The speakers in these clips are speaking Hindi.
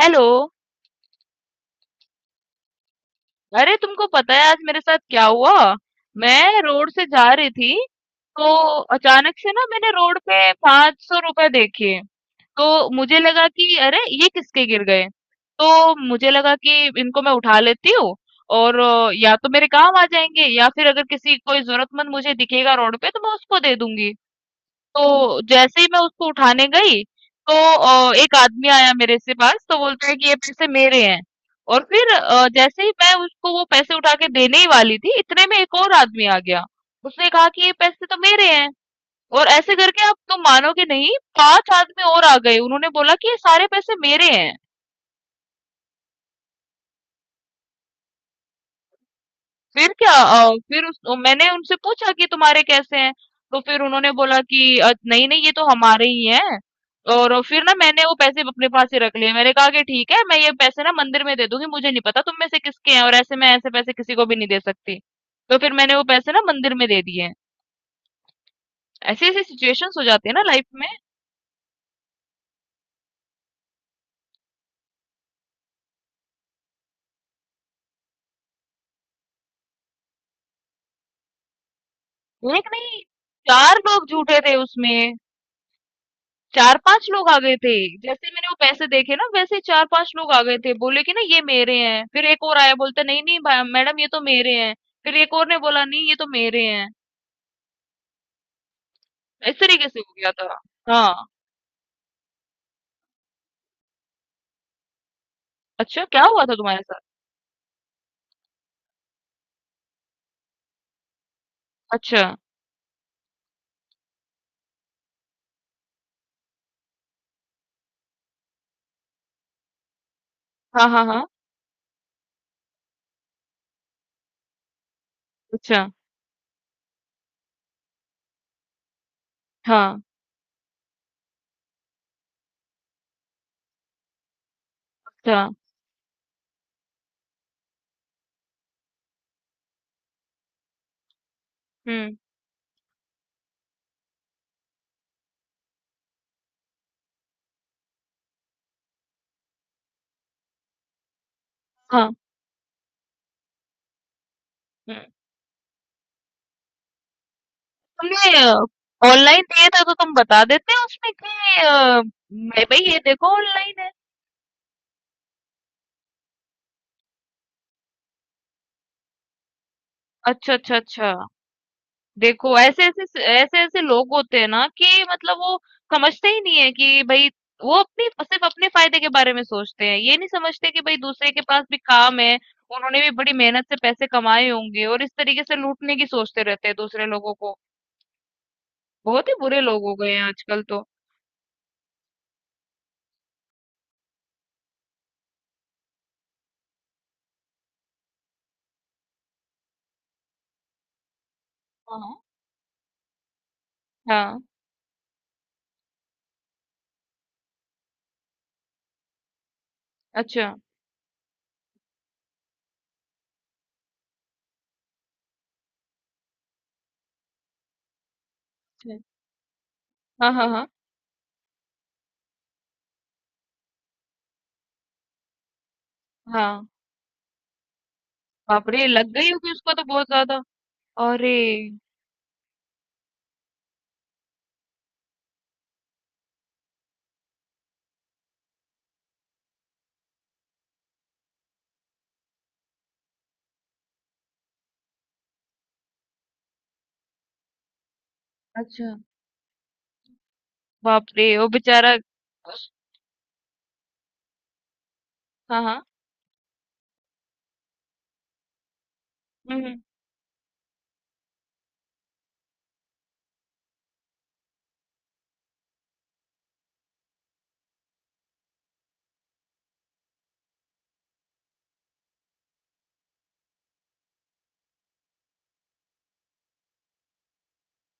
हेलो। अरे, तुमको पता है आज मेरे साथ क्या हुआ? मैं रोड से जा रही थी। तो अचानक से ना मैंने रोड पे ₹500 देखे। तो मुझे लगा कि अरे ये किसके गिर गए। तो मुझे लगा कि इनको मैं उठा लेती हूँ और या तो मेरे काम आ जाएंगे या फिर अगर किसी कोई जरूरतमंद मुझे दिखेगा रोड पे तो मैं उसको दे दूंगी। तो जैसे ही मैं उसको उठाने गई तो एक आदमी आया मेरे से पास तो बोलता है कि ये पैसे मेरे हैं। और फिर जैसे ही मैं उसको वो पैसे उठा के देने ही वाली थी इतने में एक और आदमी आ गया। उसने कहा कि ये पैसे तो मेरे हैं। और ऐसे करके आप तुम मानोगे नहीं, पांच आदमी और आ गए, उन्होंने बोला कि ये सारे पैसे मेरे हैं। फिर क्या, मैंने उनसे पूछा कि तुम्हारे कैसे हैं। तो फिर उन्होंने बोला कि नहीं नहीं ये तो हमारे ही हैं।" और फिर ना मैंने वो पैसे अपने पास ही रख लिए। मैंने कहा कि ठीक है, मैं ये पैसे ना मंदिर में दे दूंगी, मुझे नहीं पता तुम में से किसके हैं, और ऐसे मैं ऐसे पैसे किसी को भी नहीं दे सकती। तो फिर मैंने वो पैसे ना मंदिर में दे दिए। ऐसी ऐसी सिचुएशंस हो जाती है ना लाइफ में। एक नहीं, चार लोग झूठे थे उसमें। चार पांच लोग आ गए थे। जैसे मैंने वो पैसे देखे ना वैसे ही चार पांच लोग आ गए थे, बोले कि ना ये मेरे हैं। फिर एक और आया बोलता नहीं नहीं मैडम ये तो मेरे हैं। फिर एक और ने बोला नहीं ये तो मेरे हैं। इस तरीके से हो गया था। हाँ। अच्छा, क्या हुआ था तुम्हारे साथ? अच्छा। हाँ हाँ हाँ। अच्छा। हाँ। अच्छा। हम्म। हाँ। हम्म। तुमने ऑनलाइन दिए थे तो तुम बता देते उसमें कि मैं, भाई ये देखो ऑनलाइन है। अच्छा अच्छा अच्छा। देखो ऐसे ऐसे ऐसे ऐसे लोग होते हैं ना कि मतलब वो समझते ही नहीं है कि भाई, वो अपनी सिर्फ अपने फायदे के बारे में सोचते हैं, ये नहीं समझते कि भाई दूसरे के पास भी काम है। उन्होंने भी बड़ी मेहनत से पैसे कमाए होंगे और इस तरीके से लूटने की सोचते रहते हैं दूसरे लोगों को। बहुत ही बुरे लोग हो गए हैं आजकल तो। हाँ हाँ। अच्छा। ठीक। हाँ हाँ हाँ। हाँ, बाप रे लग गई होगी उसको तो बहुत ज्यादा। अरे। अच्छा। बाप रे, वो बेचारा। उस- हाँ हाँ। हम्म, हम्म।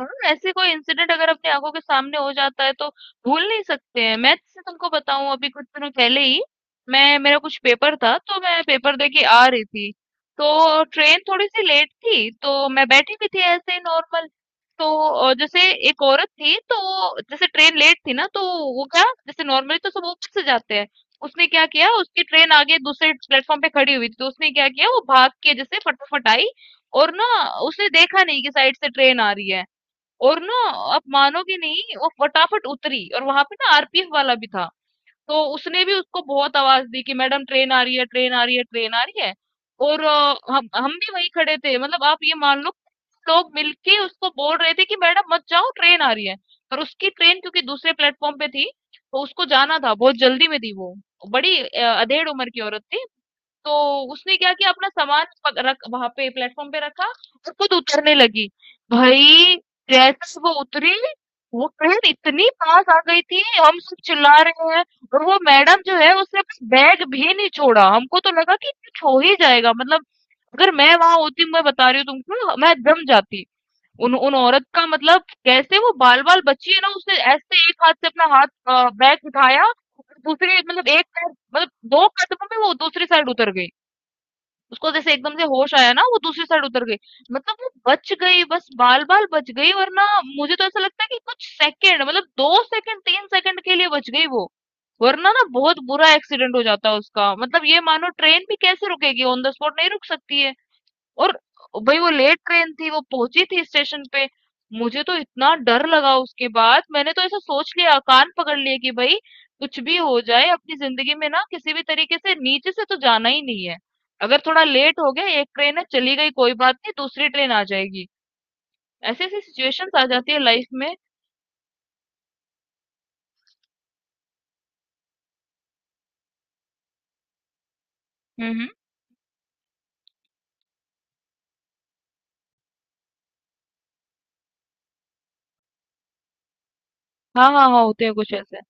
हाँ, ऐसे कोई इंसिडेंट अगर अपनी आंखों के सामने हो जाता है तो भूल नहीं सकते हैं। मैं जैसे तुमको बताऊं, अभी कुछ दिनों पहले ही मैं, मेरा कुछ पेपर था तो मैं पेपर दे के आ रही थी। तो ट्रेन थोड़ी सी लेट थी तो मैं बैठी भी थी ऐसे ही नॉर्मल। तो जैसे एक औरत थी, तो जैसे ट्रेन लेट थी ना तो वो क्या, जैसे नॉर्मली तो सब ऊपर से जाते हैं, उसने क्या किया, उसकी ट्रेन आगे दूसरे प्लेटफॉर्म पे खड़ी हुई थी, तो उसने क्या किया, वो भाग के जैसे फटाफट आई और ना उसने देखा नहीं कि साइड से ट्रेन आ रही है। और ना आप मानोगे नहीं, वो फटाफट उतरी और वहां पे ना आरपीएफ वाला भी था, तो उसने भी उसको बहुत आवाज दी कि मैडम ट्रेन आ रही है ट्रेन आ रही है ट्रेन आ रही है। और हम भी वहीं खड़े थे, मतलब आप ये मान लो, लोग मिलके उसको बोल रहे थे कि मैडम मत जाओ ट्रेन आ रही है। पर उसकी ट्रेन क्योंकि दूसरे प्लेटफॉर्म पे थी तो उसको जाना था, बहुत जल्दी में थी वो। बड़ी अधेड़ उम्र की औरत थी। तो उसने क्या किया, अपना सामान रख वहां पे प्लेटफॉर्म पे रखा और खुद उतरने लगी। भाई जैसे वो उतरी, वो ट्रेन इतनी पास आ गई थी, हम सब चिल्ला रहे हैं, और वो मैडम जो है उसने अपना बैग भी नहीं छोड़ा। हमको तो लगा कि कुछ हो ही जाएगा, मतलब अगर मैं वहां होती, मैं बता रही हूँ तुमको, मैं दम जाती। उन उन औरत का मतलब, कैसे वो बाल बाल बची है ना, उसने ऐसे एक हाथ से अपना हाथ बैग उठाया और दूसरी, मतलब एक पैर मतलब दो कदमों में वो दूसरी साइड उतर गई। उसको जैसे एकदम से होश आया ना, वो दूसरी साइड उतर गई। मतलब वो बच गई, बस बाल बाल बच गई, वरना मुझे तो ऐसा लगता है कि कुछ सेकंड, मतलब 2 सेकंड 3 सेकंड के लिए बच गई वो। वरना ना बहुत बुरा एक्सीडेंट हो जाता उसका, मतलब ये मानो ट्रेन भी कैसे रुकेगी, ऑन द स्पॉट नहीं रुक सकती है। और भई वो लेट ट्रेन थी, वो पहुंची थी स्टेशन पे। मुझे तो इतना डर लगा उसके बाद, मैंने तो ऐसा सोच लिया, कान पकड़ लिए कि भई कुछ भी हो जाए अपनी जिंदगी में ना किसी भी तरीके से नीचे से तो जाना ही नहीं है। अगर थोड़ा लेट हो गया, एक ट्रेन है चली गई कोई बात नहीं, दूसरी ट्रेन आ जाएगी। ऐसी ऐसी सिचुएशंस आ जाती है लाइफ में। हम्म हम्म। हाँ, हाँ, हाँ, होते हैं कुछ ऐसे।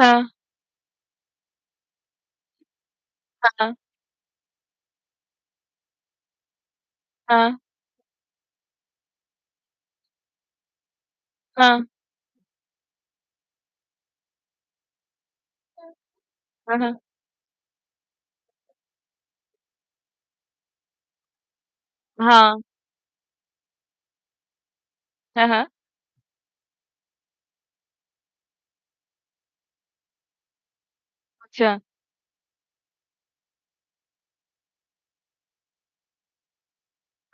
हाँ, हाँ, हाँ, हाँ, हाँ, हाँ, हाँ, हाँ, हाँ, अच्छा,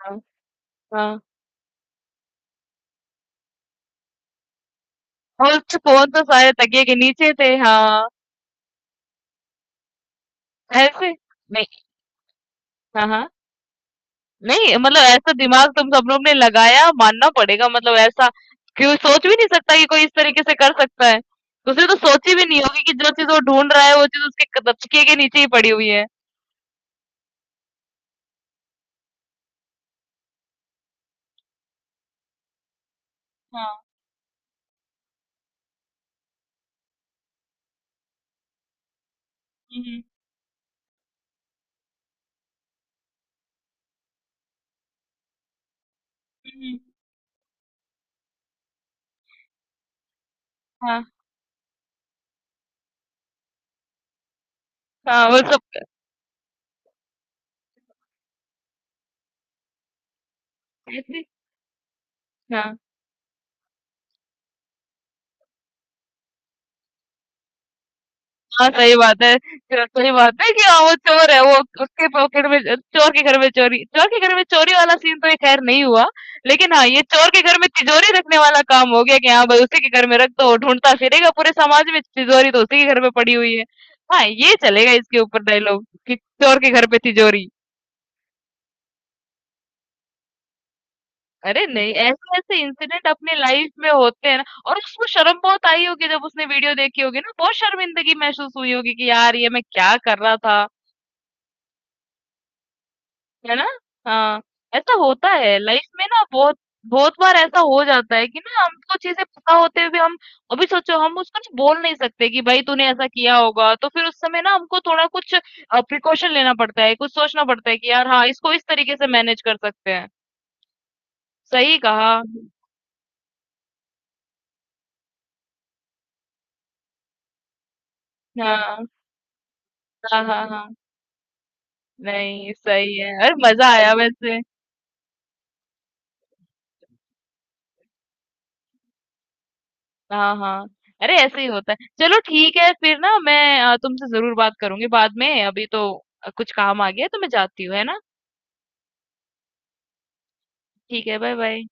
हाँ, हाँ। और उसके फोन तो सारे तकिए के नीचे थे। हाँ। ऐसे। नहीं। हाँ हाँ। नहीं मतलब ऐसा दिमाग तुम सब लोग ने लगाया, मानना पड़ेगा, मतलब ऐसा क्यों सोच भी नहीं सकता कि कोई इस तरीके से कर सकता है। उसने तो सोची भी नहीं होगी कि जो चीज वो ढूंढ रहा है वो चीज उसके दबचके के नीचे ही पड़ी हुई है। हाँ। हम्म, हम्म। हाँ हाँ वो सब ऐसे। हाँ, सही बात है। च सही बात है कि हाँ, वो चोर है, वो उसके पॉकेट में चोर के घर में चोरी, चोर के घर में चोरी वाला सीन तो ये खैर नहीं हुआ। लेकिन हाँ, ये चोर के घर में तिजोरी रखने वाला काम हो गया कि हाँ भाई, उसी के घर में रख दो, वो ढूँढता फिरेगा पूरे समाज में, तिजोरी तो उसी के घर में पड़ी हुई है। हाँ, ये चलेगा इसके ऊपर डायलॉग कि चोर के घर पे तिजोरी। अरे नहीं, ऐसे-ऐसे इंसिडेंट अपने लाइफ में होते हैं ना। और उसको शर्म बहुत आई होगी जब उसने वीडियो देखी होगी ना, बहुत शर्मिंदगी महसूस हुई होगी कि यार ये मैं क्या कर रहा था। है ना। हाँ। ऐसा होता है लाइफ में ना बहुत, बहुत बार ऐसा हो जाता है कि ना हमको चीजें पता होते हुए भी हम, अभी सोचो हम उसको ना बोल नहीं सकते कि भाई तूने ऐसा किया होगा, तो फिर उस समय ना हमको थोड़ा कुछ प्रिकॉशन लेना पड़ता है, कुछ सोचना पड़ता है कि यार हाँ इसको इस तरीके से मैनेज कर सकते हैं। सही कहा। हाँ हाँ हाँ हाँ। नहीं सही है, अरे मजा आया वैसे। हाँ हाँ। अरे ऐसे ही होता है। चलो ठीक है, फिर ना मैं तुमसे जरूर बात करूंगी बाद में, अभी तो कुछ काम आ गया है, तो मैं जाती हूँ, है ना। ठीक है, बाय बाय।